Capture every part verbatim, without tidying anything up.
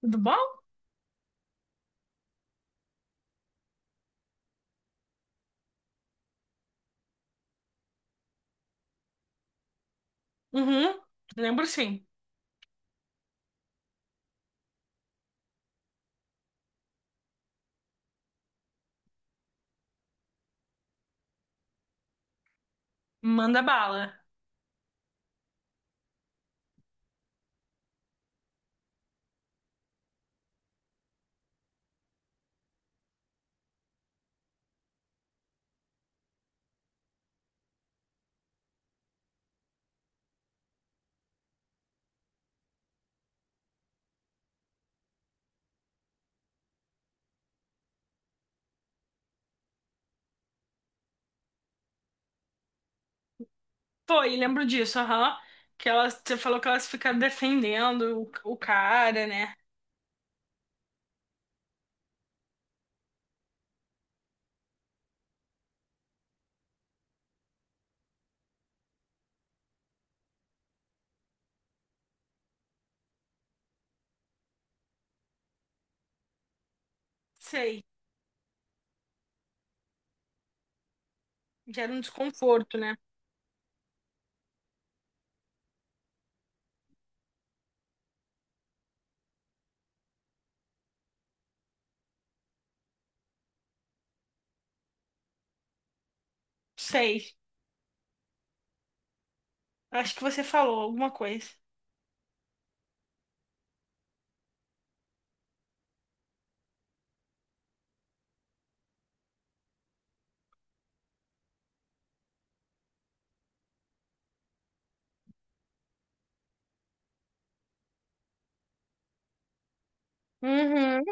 Tudo bom? Uhum, lembro sim. Manda bala. Foi, lembro disso, aham. Que elas, você falou que elas ficaram defendendo o, o cara, né? Sei. Gera um desconforto, né? Sei. Acho que você falou alguma coisa. Uhum.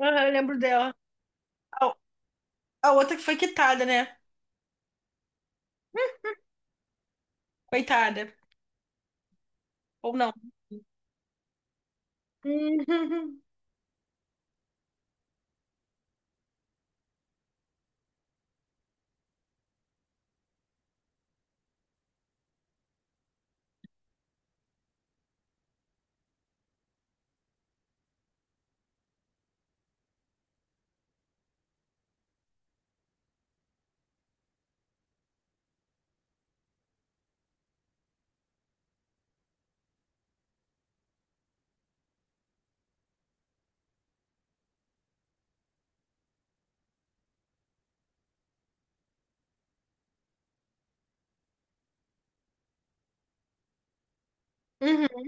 Aham, eu lembro dela. A, a outra que foi quitada, né? Coitada. Ou não. Uhum. Uhum.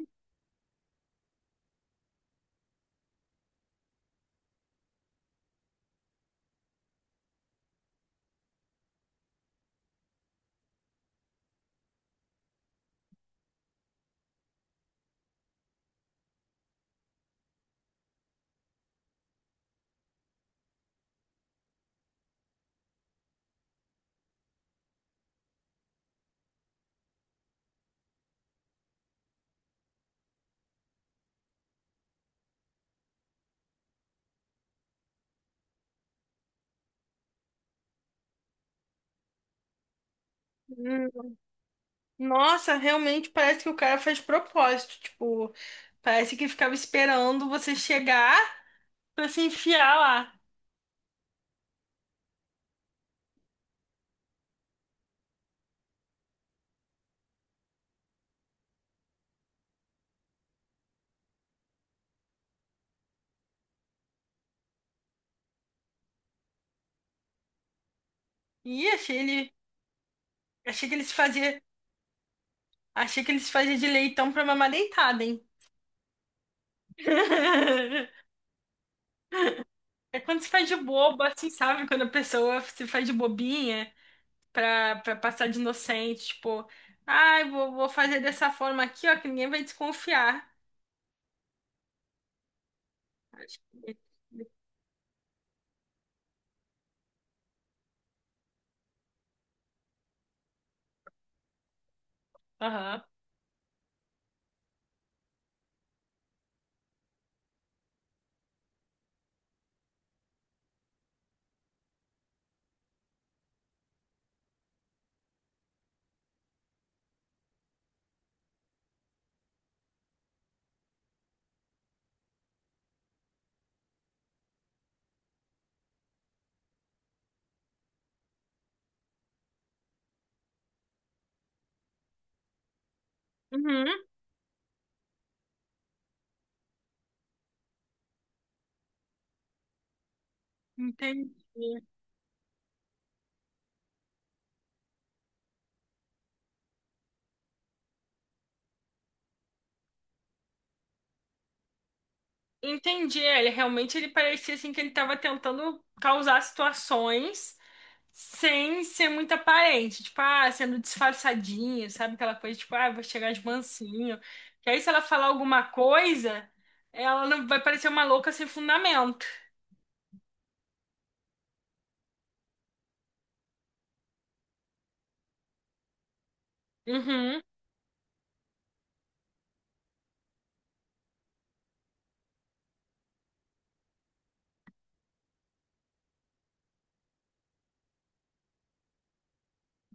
Uhum. Nossa, realmente parece que o cara faz propósito. Tipo, parece que ficava esperando você chegar, pra se enfiar lá. E achei ele. Achei que eles fazia. Achei que eles fazia de leitão pra mamar deitada, hein? É quando se faz de bobo, assim, sabe? Quando a pessoa se faz de bobinha pra, pra passar de inocente, tipo, ai, vou, vou fazer dessa forma aqui, ó, que ninguém vai desconfiar. Acho que- Aham. Uhum, entendi. Entendi. É, ele realmente, ele parecia assim que ele tava tentando causar situações. Sem ser muito aparente, tipo, ah, sendo disfarçadinho, sabe? Aquela coisa, tipo, ah, vou chegar de mansinho. Que aí, se ela falar alguma coisa, ela não vai parecer uma louca sem fundamento. Uhum,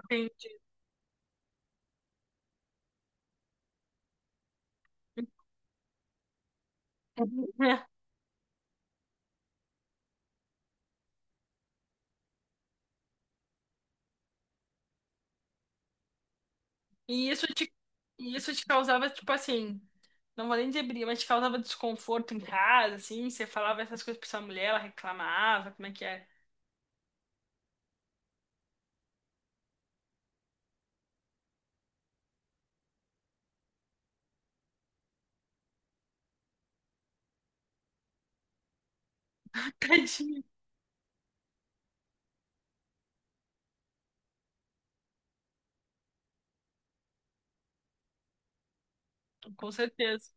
entendi. É. E isso te, e isso te causava, tipo assim, não vou nem dizer briga, mas te causava desconforto em casa, assim, você falava essas coisas pra sua mulher, ela reclamava, como é que é? Tadinha, com certeza.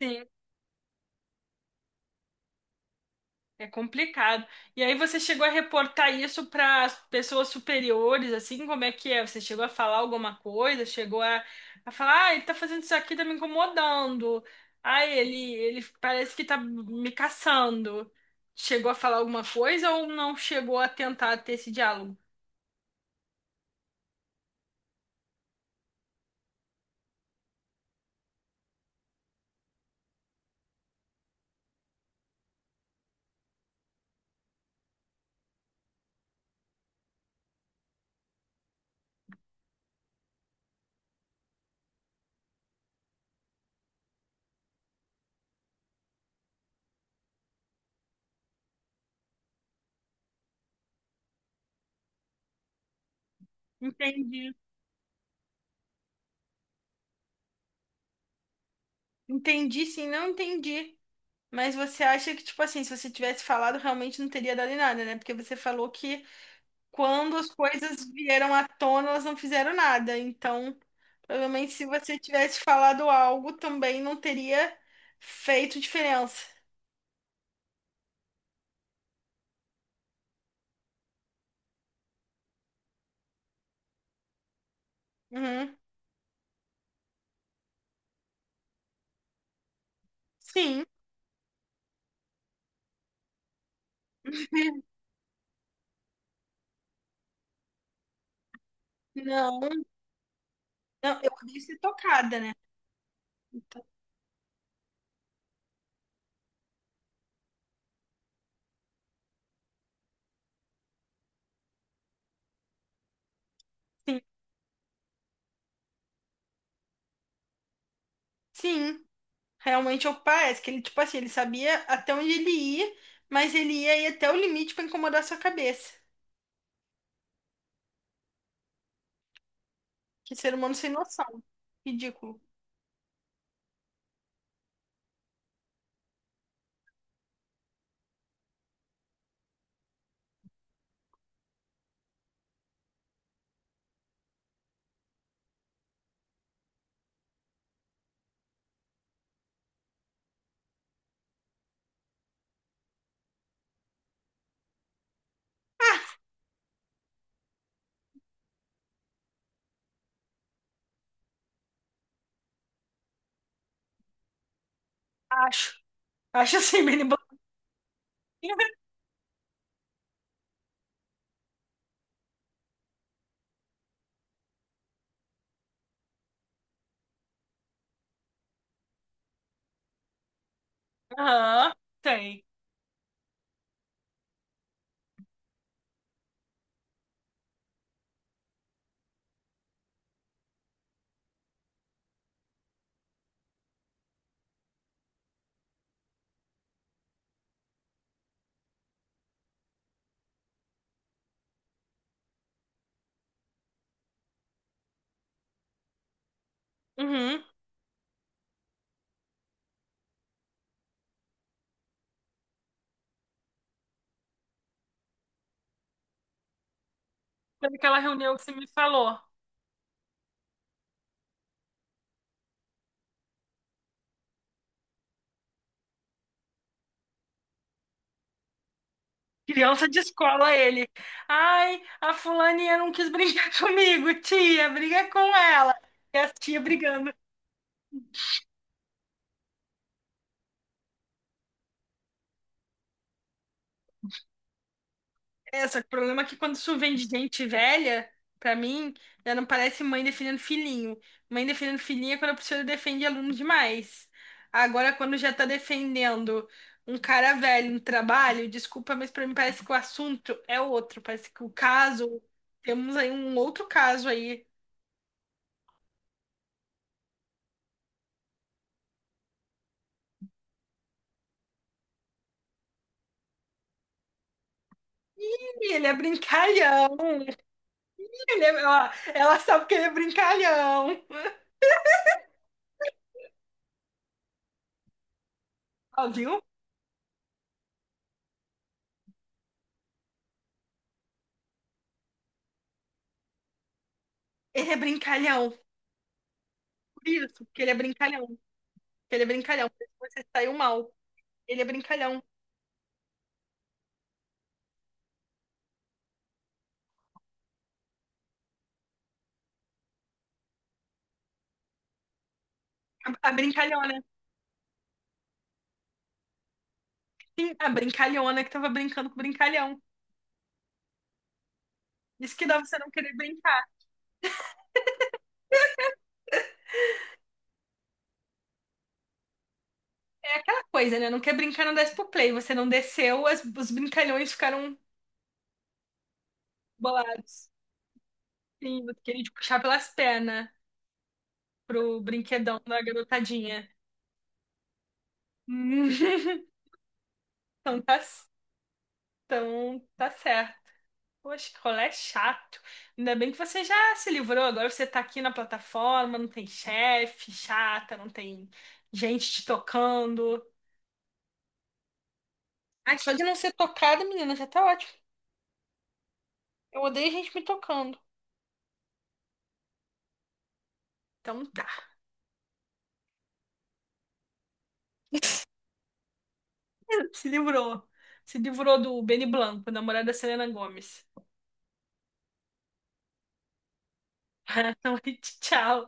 Sim. É complicado. E aí você chegou a reportar isso para as pessoas superiores, assim, como é que é? Você chegou a falar alguma coisa? Chegou a, a falar, ah, ele tá fazendo isso aqui, tá me incomodando. Ah, ele, ele parece que tá me caçando. Chegou a falar alguma coisa ou não chegou a tentar ter esse diálogo? Entendi. Entendi, sim, não entendi. Mas você acha que, tipo assim, se você tivesse falado, realmente não teria dado em nada, né? Porque você falou que, quando as coisas vieram à tona, elas não fizeram nada. Então, provavelmente, se você tivesse falado algo, também não teria feito diferença. Uhum. Sim. Não, não, eu podia ser tocada, né? Então, sim, sim. Realmente eu parece que ele, tipo assim, ele sabia até onde ele ia, mas ele ia ir até o limite pra incomodar sua cabeça. Que ser humano sem noção. Ridículo. Acho. Acho assim, bem bobinho. Aham, tem. Uhum. Foi naquela reunião que você me falou. Criança de escola, ele. Ai, a fulaninha não quis brigar comigo, tia, briga com ela. E as tia brigando. É, só que o problema é que, quando isso vem de gente velha, pra mim, já não parece mãe defendendo filhinho. Mãe defendendo filhinha é quando a professora defende aluno demais. Agora, quando já tá defendendo um cara velho no trabalho, desculpa, mas pra mim parece que o assunto é outro. Parece que o caso. Temos aí um outro caso aí. E ele é brincalhão. Ele é- ó, ela sabe que ele é brincalhão. Ó, viu? Ele é brincalhão. Por isso, porque ele é brincalhão. Que ele é brincalhão. Por isso você saiu mal. Ele é brincalhão. A, a brincalhona. Sim, a brincalhona que tava brincando com o brincalhão. Isso que dá você não querer brincar. É aquela coisa, né? Não quer brincar, não desce pro play. Você não desceu, as- os brincalhões ficaram bolados. Sim, você queria te puxar pelas pernas pro brinquedão da garotadinha. Hum. Então tá Então, tá certo. Poxa, que rolê chato. Ainda bem que você já se livrou. Agora você tá aqui na plataforma, não tem chefe chata, não tem gente te tocando. Ai, só de não ser tocada, menina, já tá ótimo. Eu odeio gente me tocando. Então tá. Se livrou. Se livrou do Benny Blanco, namorado da Selena Gomes. Boa noite, tchau.